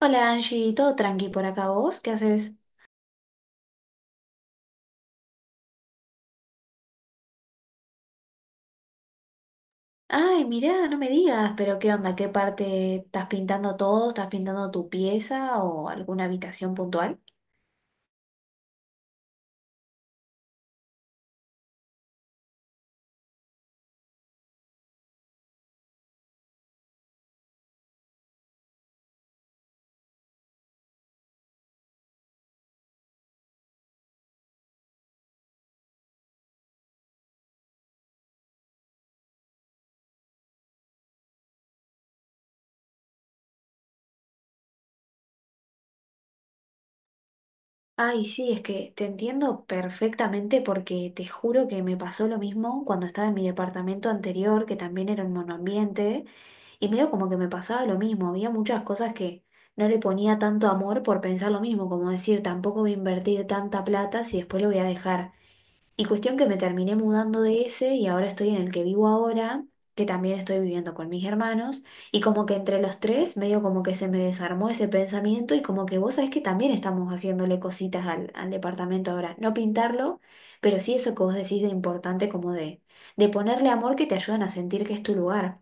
Hola Angie, todo tranqui por acá, ¿vos qué haces? Ay, mirá, no me digas, pero ¿qué onda? ¿Qué parte estás pintando todo? ¿Estás pintando tu pieza o alguna habitación puntual? Ay, sí, es que te entiendo perfectamente porque te juro que me pasó lo mismo cuando estaba en mi departamento anterior, que también era un monoambiente, y medio como que me pasaba lo mismo, había muchas cosas que no le ponía tanto amor por pensar lo mismo, como decir, tampoco voy a invertir tanta plata si después lo voy a dejar. Y cuestión que me terminé mudando de ese y ahora estoy en el que vivo ahora, que también estoy viviendo con mis hermanos, y como que entre los tres medio como que se me desarmó ese pensamiento y como que vos sabés que también estamos haciéndole cositas al departamento ahora, no pintarlo, pero sí eso que vos decís de importante como de ponerle amor que te ayudan a sentir que es tu lugar.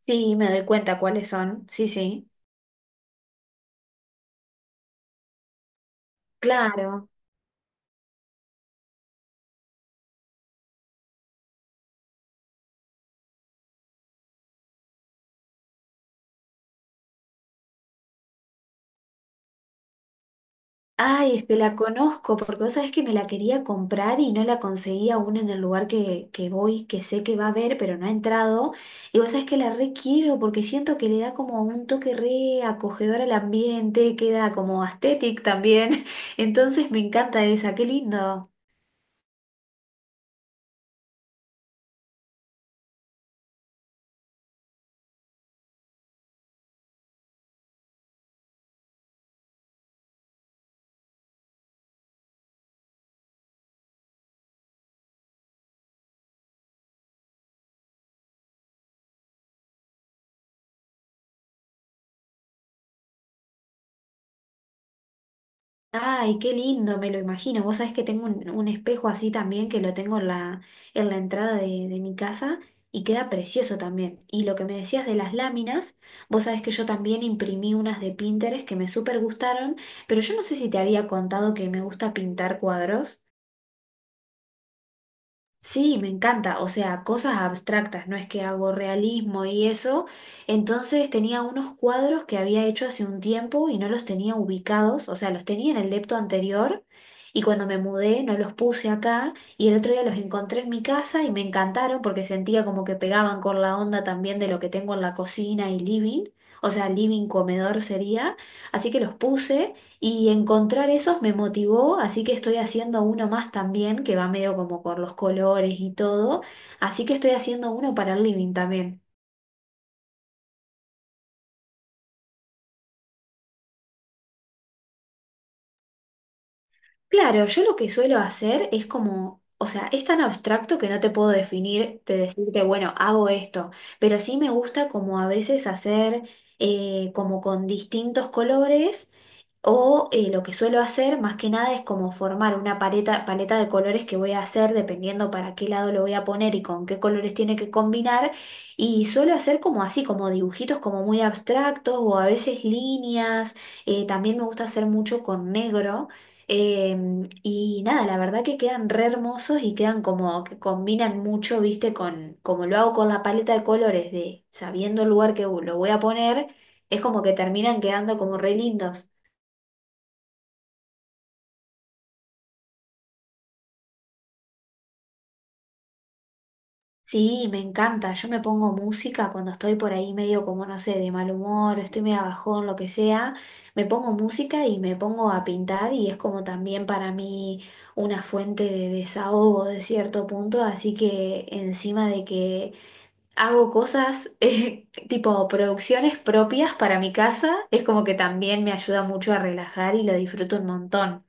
Sí, me doy cuenta cuáles son, sí, sí, claro. Ay, es que la conozco, porque vos sabés que me la quería comprar y no la conseguí aún en el lugar que voy, que sé que va a haber, pero no ha entrado. Y vos sabés que la requiero porque siento que le da como un toque re acogedor al ambiente, queda como aesthetic también. Entonces me encanta esa, qué lindo. Ay, qué lindo, me lo imagino. Vos sabés que tengo un espejo así también que lo tengo en la entrada de mi casa y queda precioso también. Y lo que me decías de las láminas, vos sabés que yo también imprimí unas de Pinterest que me súper gustaron, pero yo no sé si te había contado que me gusta pintar cuadros. Sí, me encanta, o sea, cosas abstractas, no es que hago realismo y eso. Entonces tenía unos cuadros que había hecho hace un tiempo y no los tenía ubicados, o sea, los tenía en el depto anterior y cuando me mudé no los puse acá y el otro día los encontré en mi casa y me encantaron porque sentía como que pegaban con la onda también de lo que tengo en la cocina y living, o sea, living comedor sería, así que los puse. Y encontrar esos me motivó, así que estoy haciendo uno más también, que va medio como por los colores y todo. Así que estoy haciendo uno para el living también. Claro, yo lo que suelo hacer es como, o sea, es tan abstracto que no te puedo definir, de decirte, bueno, hago esto, pero sí me gusta como a veces hacer como con distintos colores o lo que suelo hacer más que nada es como formar una paleta, paleta de colores que voy a hacer dependiendo para qué lado lo voy a poner y con qué colores tiene que combinar y suelo hacer como así, como dibujitos como muy abstractos o a veces líneas, también me gusta hacer mucho con negro. Y nada, la verdad que quedan re hermosos y quedan como que combinan mucho, viste, con como lo hago con la paleta de colores de sabiendo el lugar que lo voy a poner, es como que terminan quedando como re lindos. Sí, me encanta. Yo me pongo música cuando estoy por ahí medio como, no sé, de mal humor, estoy medio bajón, lo que sea. Me pongo música y me pongo a pintar y es como también para mí una fuente de desahogo de cierto punto. Así que encima de que hago cosas tipo producciones propias para mi casa, es como que también me ayuda mucho a relajar y lo disfruto un montón.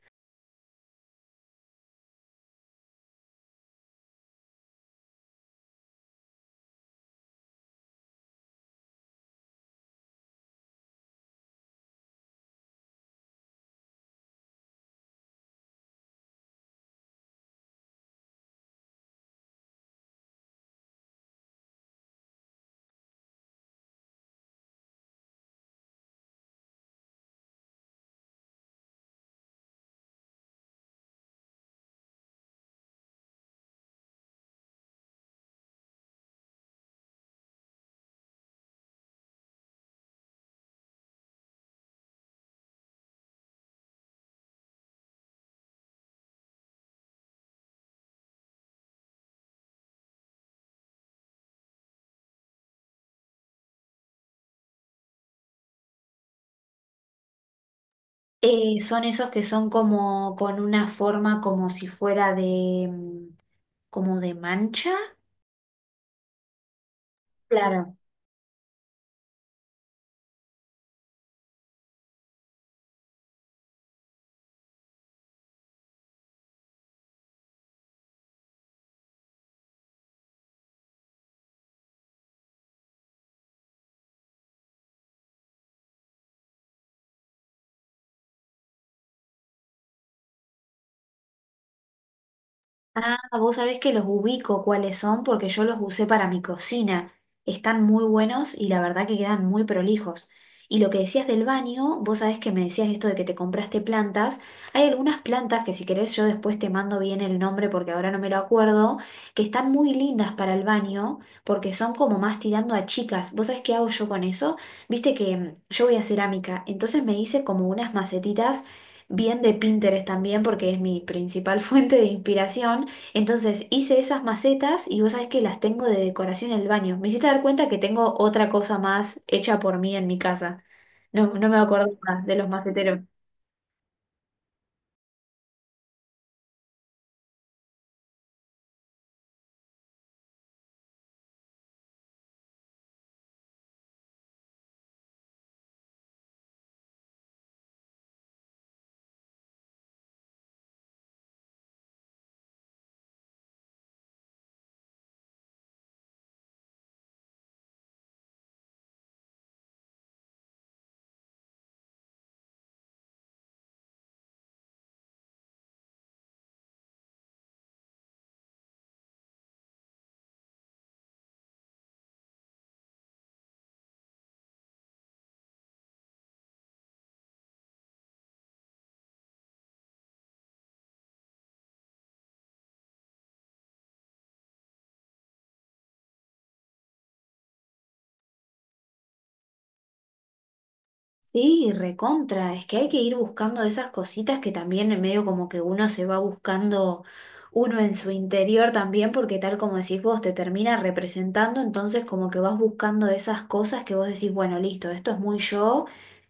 Son esos que son como con una forma como si fuera de, mm, como de mancha. Claro. Ah, vos sabés que los ubico cuáles son porque yo los usé para mi cocina. Están muy buenos y la verdad que quedan muy prolijos. Y lo que decías del baño, vos sabés que me decías esto de que te compraste plantas. Hay algunas plantas que si querés yo después te mando bien el nombre porque ahora no me lo acuerdo, que están muy lindas para el baño porque son como más tirando a chicas. ¿Vos sabés qué hago yo con eso? Viste que mm, yo voy a cerámica, entonces me hice como unas macetitas bien de Pinterest también porque es mi principal fuente de inspiración. Entonces hice esas macetas y vos sabés que las tengo de decoración en el baño. Me hiciste dar cuenta que tengo otra cosa más hecha por mí en mi casa. No, no me acordaba de los maceteros. Sí, recontra, es que hay que ir buscando esas cositas que también en medio como que uno se va buscando uno en su interior también, porque tal como decís vos, te termina representando, entonces como que vas buscando esas cosas que vos decís, bueno, listo, esto es muy yo,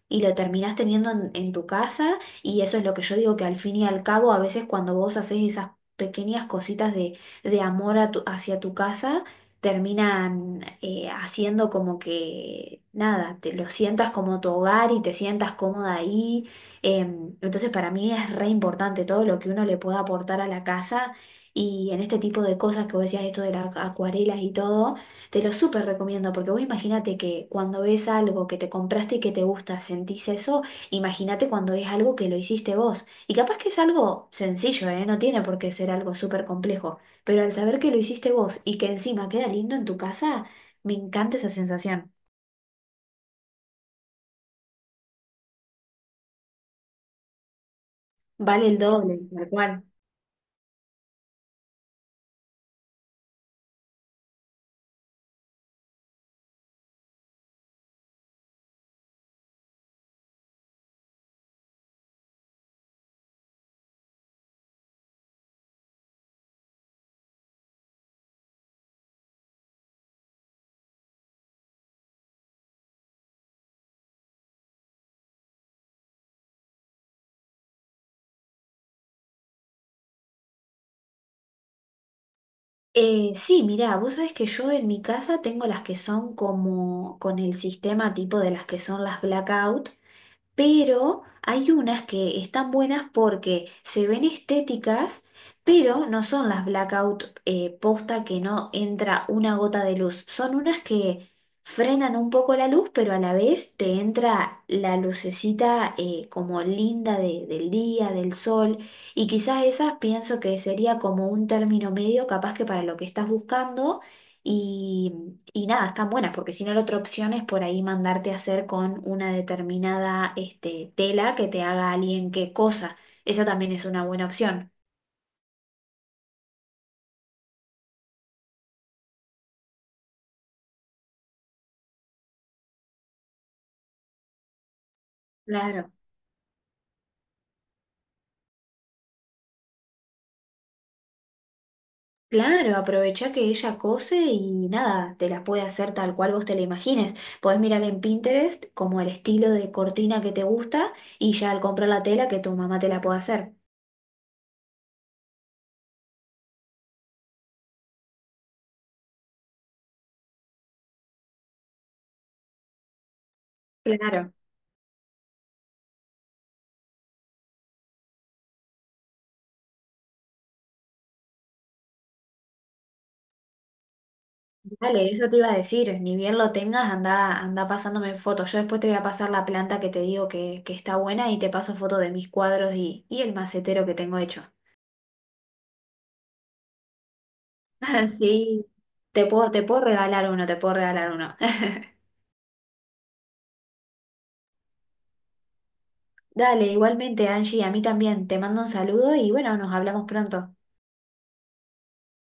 y lo terminás teniendo en tu casa, y eso es lo que yo digo que al fin y al cabo, a veces cuando vos haces esas pequeñas cositas de amor a tu- hacia tu casa, terminan haciendo como que, nada, te lo sientas como tu hogar y te sientas cómoda ahí. Entonces para mí es re importante todo lo que uno le pueda aportar a la casa y en este tipo de cosas que vos decías, esto de las acuarelas y todo, te lo súper recomiendo porque vos imagínate que cuando ves algo que te compraste y que te gusta, sentís eso, imagínate cuando es algo que lo hiciste vos. Y capaz que es algo sencillo, ¿eh? No tiene por qué ser algo súper complejo, pero al saber que lo hiciste vos y que encima queda lindo en tu casa, me encanta esa sensación. Vale el doble, tal cual. Sí, mirá, vos sabés que yo en mi casa tengo las que son como con el sistema tipo de las que son las blackout, pero hay unas que están buenas porque se ven estéticas, pero no son las blackout, posta que no entra una gota de luz. Son unas que frenan un poco la luz, pero a la vez te entra la lucecita como linda de- del día, del sol, y quizás esas pienso que sería como un término medio capaz que para lo que estás buscando. Y nada, están buenas, porque si no la otra opción es por ahí mandarte a hacer con una determinada este, tela que te haga alguien que cosa. Esa también es una buena opción. Claro. Claro, aprovecha que ella cose y nada, te la puede hacer tal cual vos te la imagines. Podés mirar en Pinterest como el estilo de cortina que te gusta y ya al comprar la tela que tu mamá te la pueda hacer. Claro. Dale, eso te iba a decir, ni bien lo tengas, anda, anda pasándome fotos. Yo después te voy a pasar la planta que te digo que está buena y te paso fotos de mis cuadros y el macetero que tengo hecho. Sí, te puedo regalar uno, te puedo regalar uno. Dale, igualmente, Angie, a mí también. Te mando un saludo y bueno, nos hablamos pronto.